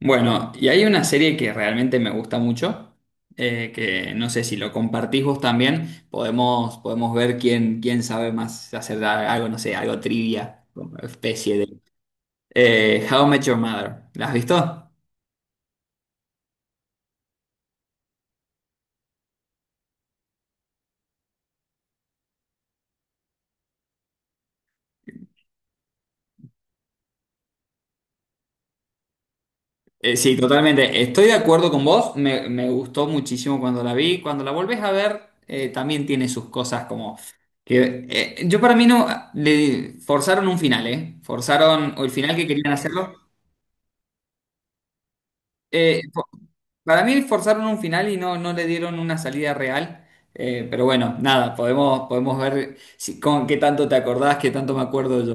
Bueno, y hay una serie que realmente me gusta mucho, que no sé si lo compartís vos también, podemos ver quién sabe más hacer algo, no sé, algo trivia, como especie de... How I Met Your Mother, ¿la has visto? Sí, totalmente. Estoy de acuerdo con vos, me gustó muchísimo cuando la vi. Cuando la volvés a ver, también tiene sus cosas como... que yo para mí no... Le forzaron un final, ¿eh? Forzaron o el final que querían hacerlo. Eh, Para mí forzaron un final y no, no le dieron una salida real. Pero bueno, nada, podemos ver si, con qué tanto te acordás, qué tanto me acuerdo yo.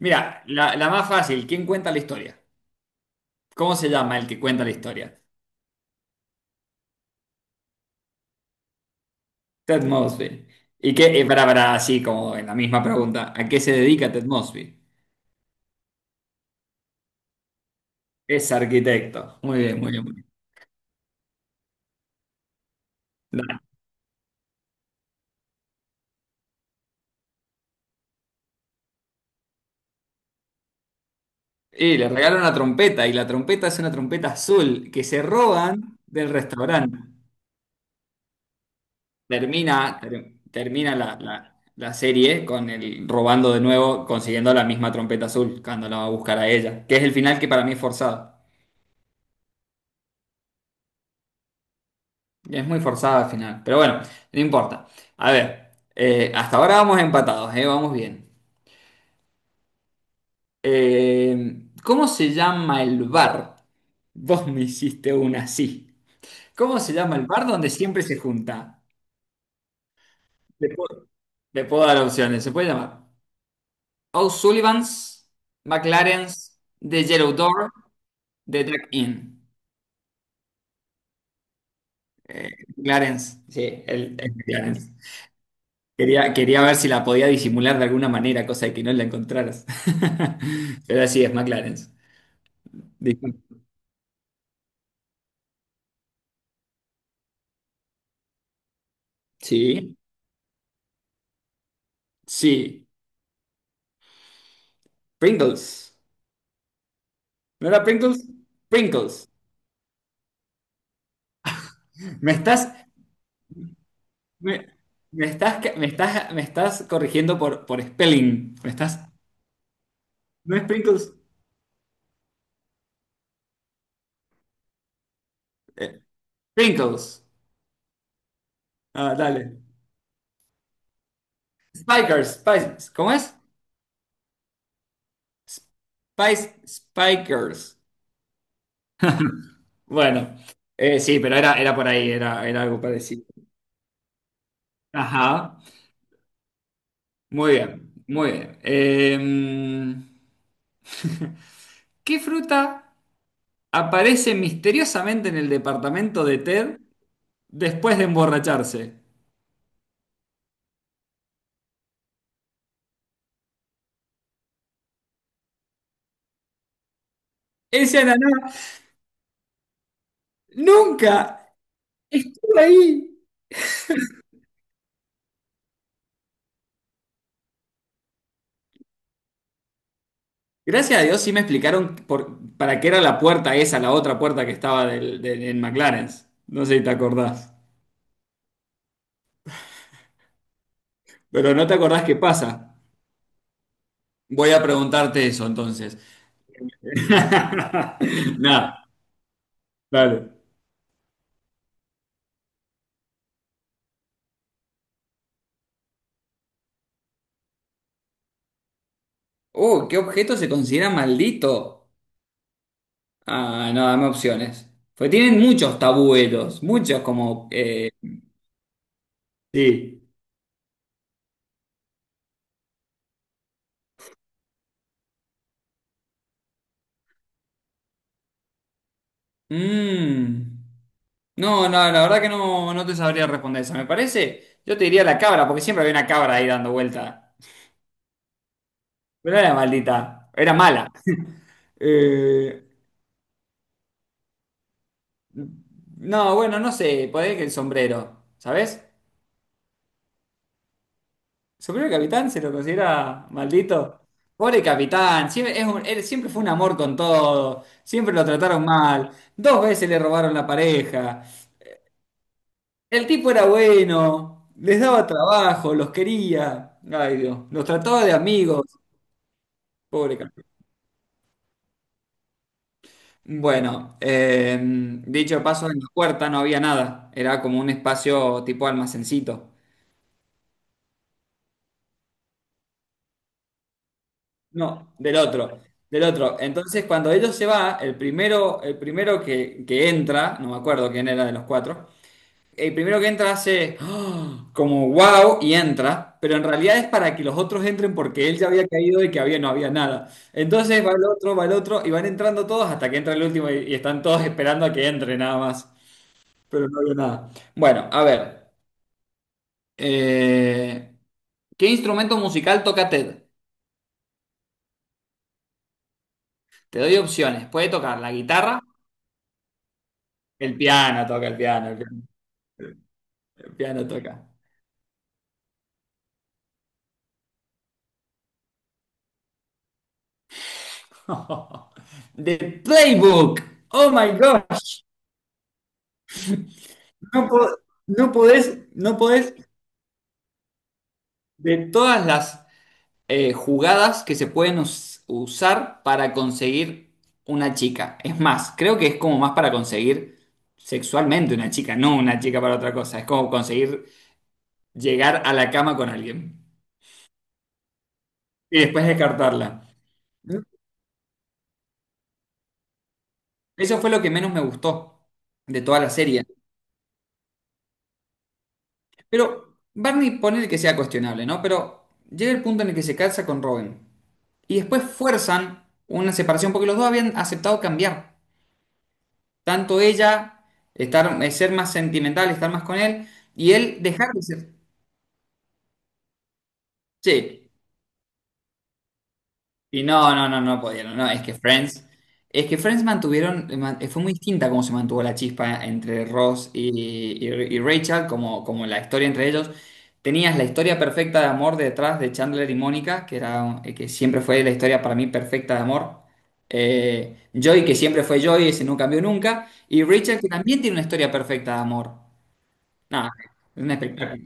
Mira, la más fácil, ¿quién cuenta la historia? ¿Cómo se llama el que cuenta la historia? Ted Mosby. Y que, para, así como en la misma pregunta, ¿a qué se dedica Ted Mosby? Es arquitecto. Muy bien, muy bien, muy bien. Dale. Y le regalan una trompeta, y la trompeta es una trompeta azul que se roban del restaurante. Termina la serie con el robando de nuevo, consiguiendo la misma trompeta azul cuando la va a buscar a ella, que es el final que para mí es forzado. Es muy forzado al final, pero bueno, no importa. A ver, hasta ahora vamos empatados, vamos bien. ¿Cómo se llama el bar? Vos me hiciste una así. ¿Cómo se llama el bar donde siempre se junta? Le puedo, le puedo dar opciones. Se puede llamar O'Sullivan's, McLaren's, The Yellow Door de drag In. Eh, Clarence, sí, el, es sí, Clarence. Quería ver si la podía disimular de alguna manera, cosa de que no la encontraras. Pero así es, McLaren. Disculpa. Sí, sí. Pringles. ¿No era Pringles? Pringles. Me estás, me, me estás, me estás corrigiendo por spelling. Me estás, ¿no es Pringles? Eh, Pringles. Ah, dale. Spikers. Spice- ¿Cómo es? Spice, Spikers. Bueno, sí, pero era, era por ahí, era, era algo parecido. Ajá, muy bien, muy bien. ¿Qué fruta aparece misteriosamente en el departamento de Ted después de emborracharse? Ese ananá, nunca estuvo ahí. Gracias a Dios sí me explicaron para qué era la puerta esa, la otra puerta que estaba en McLaren. No sé si te acordás, pero no te acordás qué pasa. Voy a preguntarte eso entonces. No, dale. ¿Qué objeto se considera maldito? Ah, no, dame opciones. Pues tienen muchos tabuelos, muchos como... sí, mm, no, no, la verdad que no, no te sabría responder esa. Me parece, yo te diría la cabra, porque siempre había una cabra ahí dando vuelta. Pero no era maldita, era mala. Eh, no, bueno, no sé, podría que el sombrero, ¿sabes? Superior al capitán se lo considera maldito. Pobre capitán, siempre, él siempre fue un amor con todo, siempre lo trataron mal, dos veces le robaron la pareja. El tipo era bueno, les daba trabajo, los quería. Ay Dios, los trataba de amigos. Pobre capitán. Bueno, dicho paso, en la puerta no había nada, era como un espacio tipo almacencito. No, del otro, del otro. Entonces, cuando ellos se va, el primero que entra, no me acuerdo quién era de los cuatro, el primero que entra hace ¡ah! Como wow y entra, pero en realidad es para que los otros entren porque él ya había caído y que había, no había nada. Entonces va el otro y van entrando todos hasta que entra el último y están todos esperando a que entre nada más, pero no había nada. Bueno, a ver, eh, ¿qué instrumento musical toca Ted? Te doy opciones. Puede tocar la guitarra. El piano toca, el piano, el piano, el piano toca. The Playbook. Oh my God. No, no podés, no podés de todas las jugadas que se pueden usar para conseguir una chica. Es más, creo que es como más para conseguir sexualmente una chica, no una chica para otra cosa. Es como conseguir llegar a la cama con alguien y después descartarla. Eso fue lo que menos me gustó de toda la serie. Pero Barney pone que sea cuestionable, ¿no? Pero llega el punto en el que se casa con Robin. Y después fuerzan una separación porque los dos habían aceptado cambiar. Tanto ella, estar, ser más sentimental, estar más con él, y él dejar de ser. Sí. Y no podían. No, es que Friends mantuvieron, fue muy distinta cómo se mantuvo la chispa entre Ross y, y- y Rachel, como, como la historia entre ellos. Tenías la historia perfecta de amor detrás de Chandler y Mónica, que era, que siempre fue la historia para mí perfecta de amor. Joey, que siempre fue Joey, ese no cambió nunca. Y Rachel, que también tiene una historia perfecta de amor. Nada, es un espectáculo.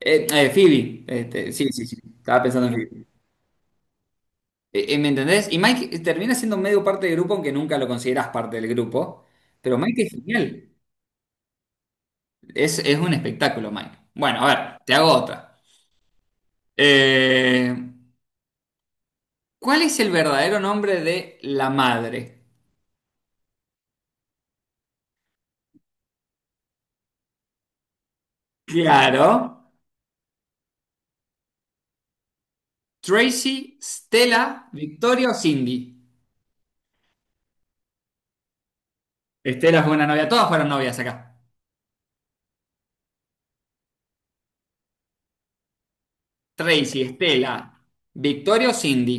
Phoebe, este, sí, sí, sí, estaba pensando en Phoebe. ¿Me entendés? Y Mike termina siendo medio parte del grupo, aunque nunca lo considerás parte del grupo. Pero Mike es genial. Es un espectáculo, Mike. Bueno, a ver, te hago otra. Eh, ¿Cuál es el verdadero nombre de la madre? Claro, Tracy, Stella, Victoria o Cindy. Estela fue una novia, todas fueron novias acá. Tracy, Estela, Victoria o Cindy.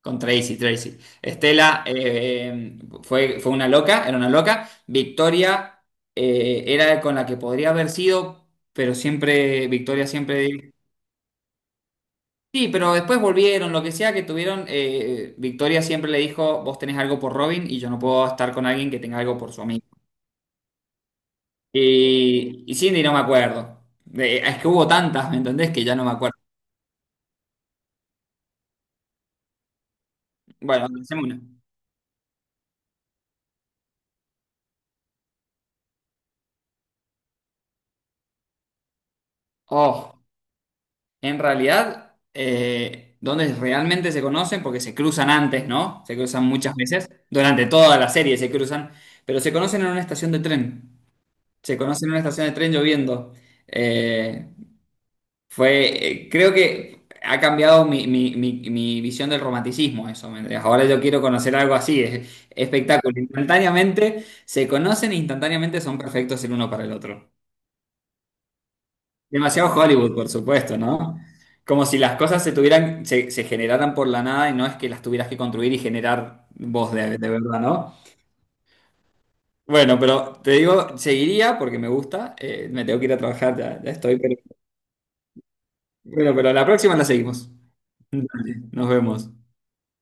Con Tracy, Tracy. Estela fue, fue una loca, era una loca. Victoria era con la que podría haber sido, pero siempre, Victoria siempre... Sí, pero después volvieron, lo que sea que tuvieron, Victoria siempre le dijo, vos tenés algo por Robin y yo no puedo estar con alguien que tenga algo por su amigo. Y Cindy no me acuerdo. Es que hubo tantas, ¿me entendés? Que ya no me acuerdo. Bueno, hacemos una. Oh. En realidad, donde realmente se conocen, porque se cruzan antes, ¿no? Se cruzan muchas veces, durante toda la serie se cruzan, pero se conocen en una estación de tren. Se conocen en una estación de tren lloviendo. Eh, fue, creo que ha cambiado mi visión del romanticismo, eso. ¿Me entendés? Ahora yo quiero conocer algo así, es espectáculo. Instantáneamente se conocen, e instantáneamente son perfectos el uno para el otro. Demasiado Hollywood, por supuesto, ¿no? Como si las cosas se tuvieran, se generaran por la nada y no es que las tuvieras que construir y generar vos de verdad, ¿no? Bueno, pero te digo, seguiría porque me gusta. Me tengo que ir a trabajar, ya, ya estoy, pero, bueno, pero la próxima la seguimos. Nos vemos.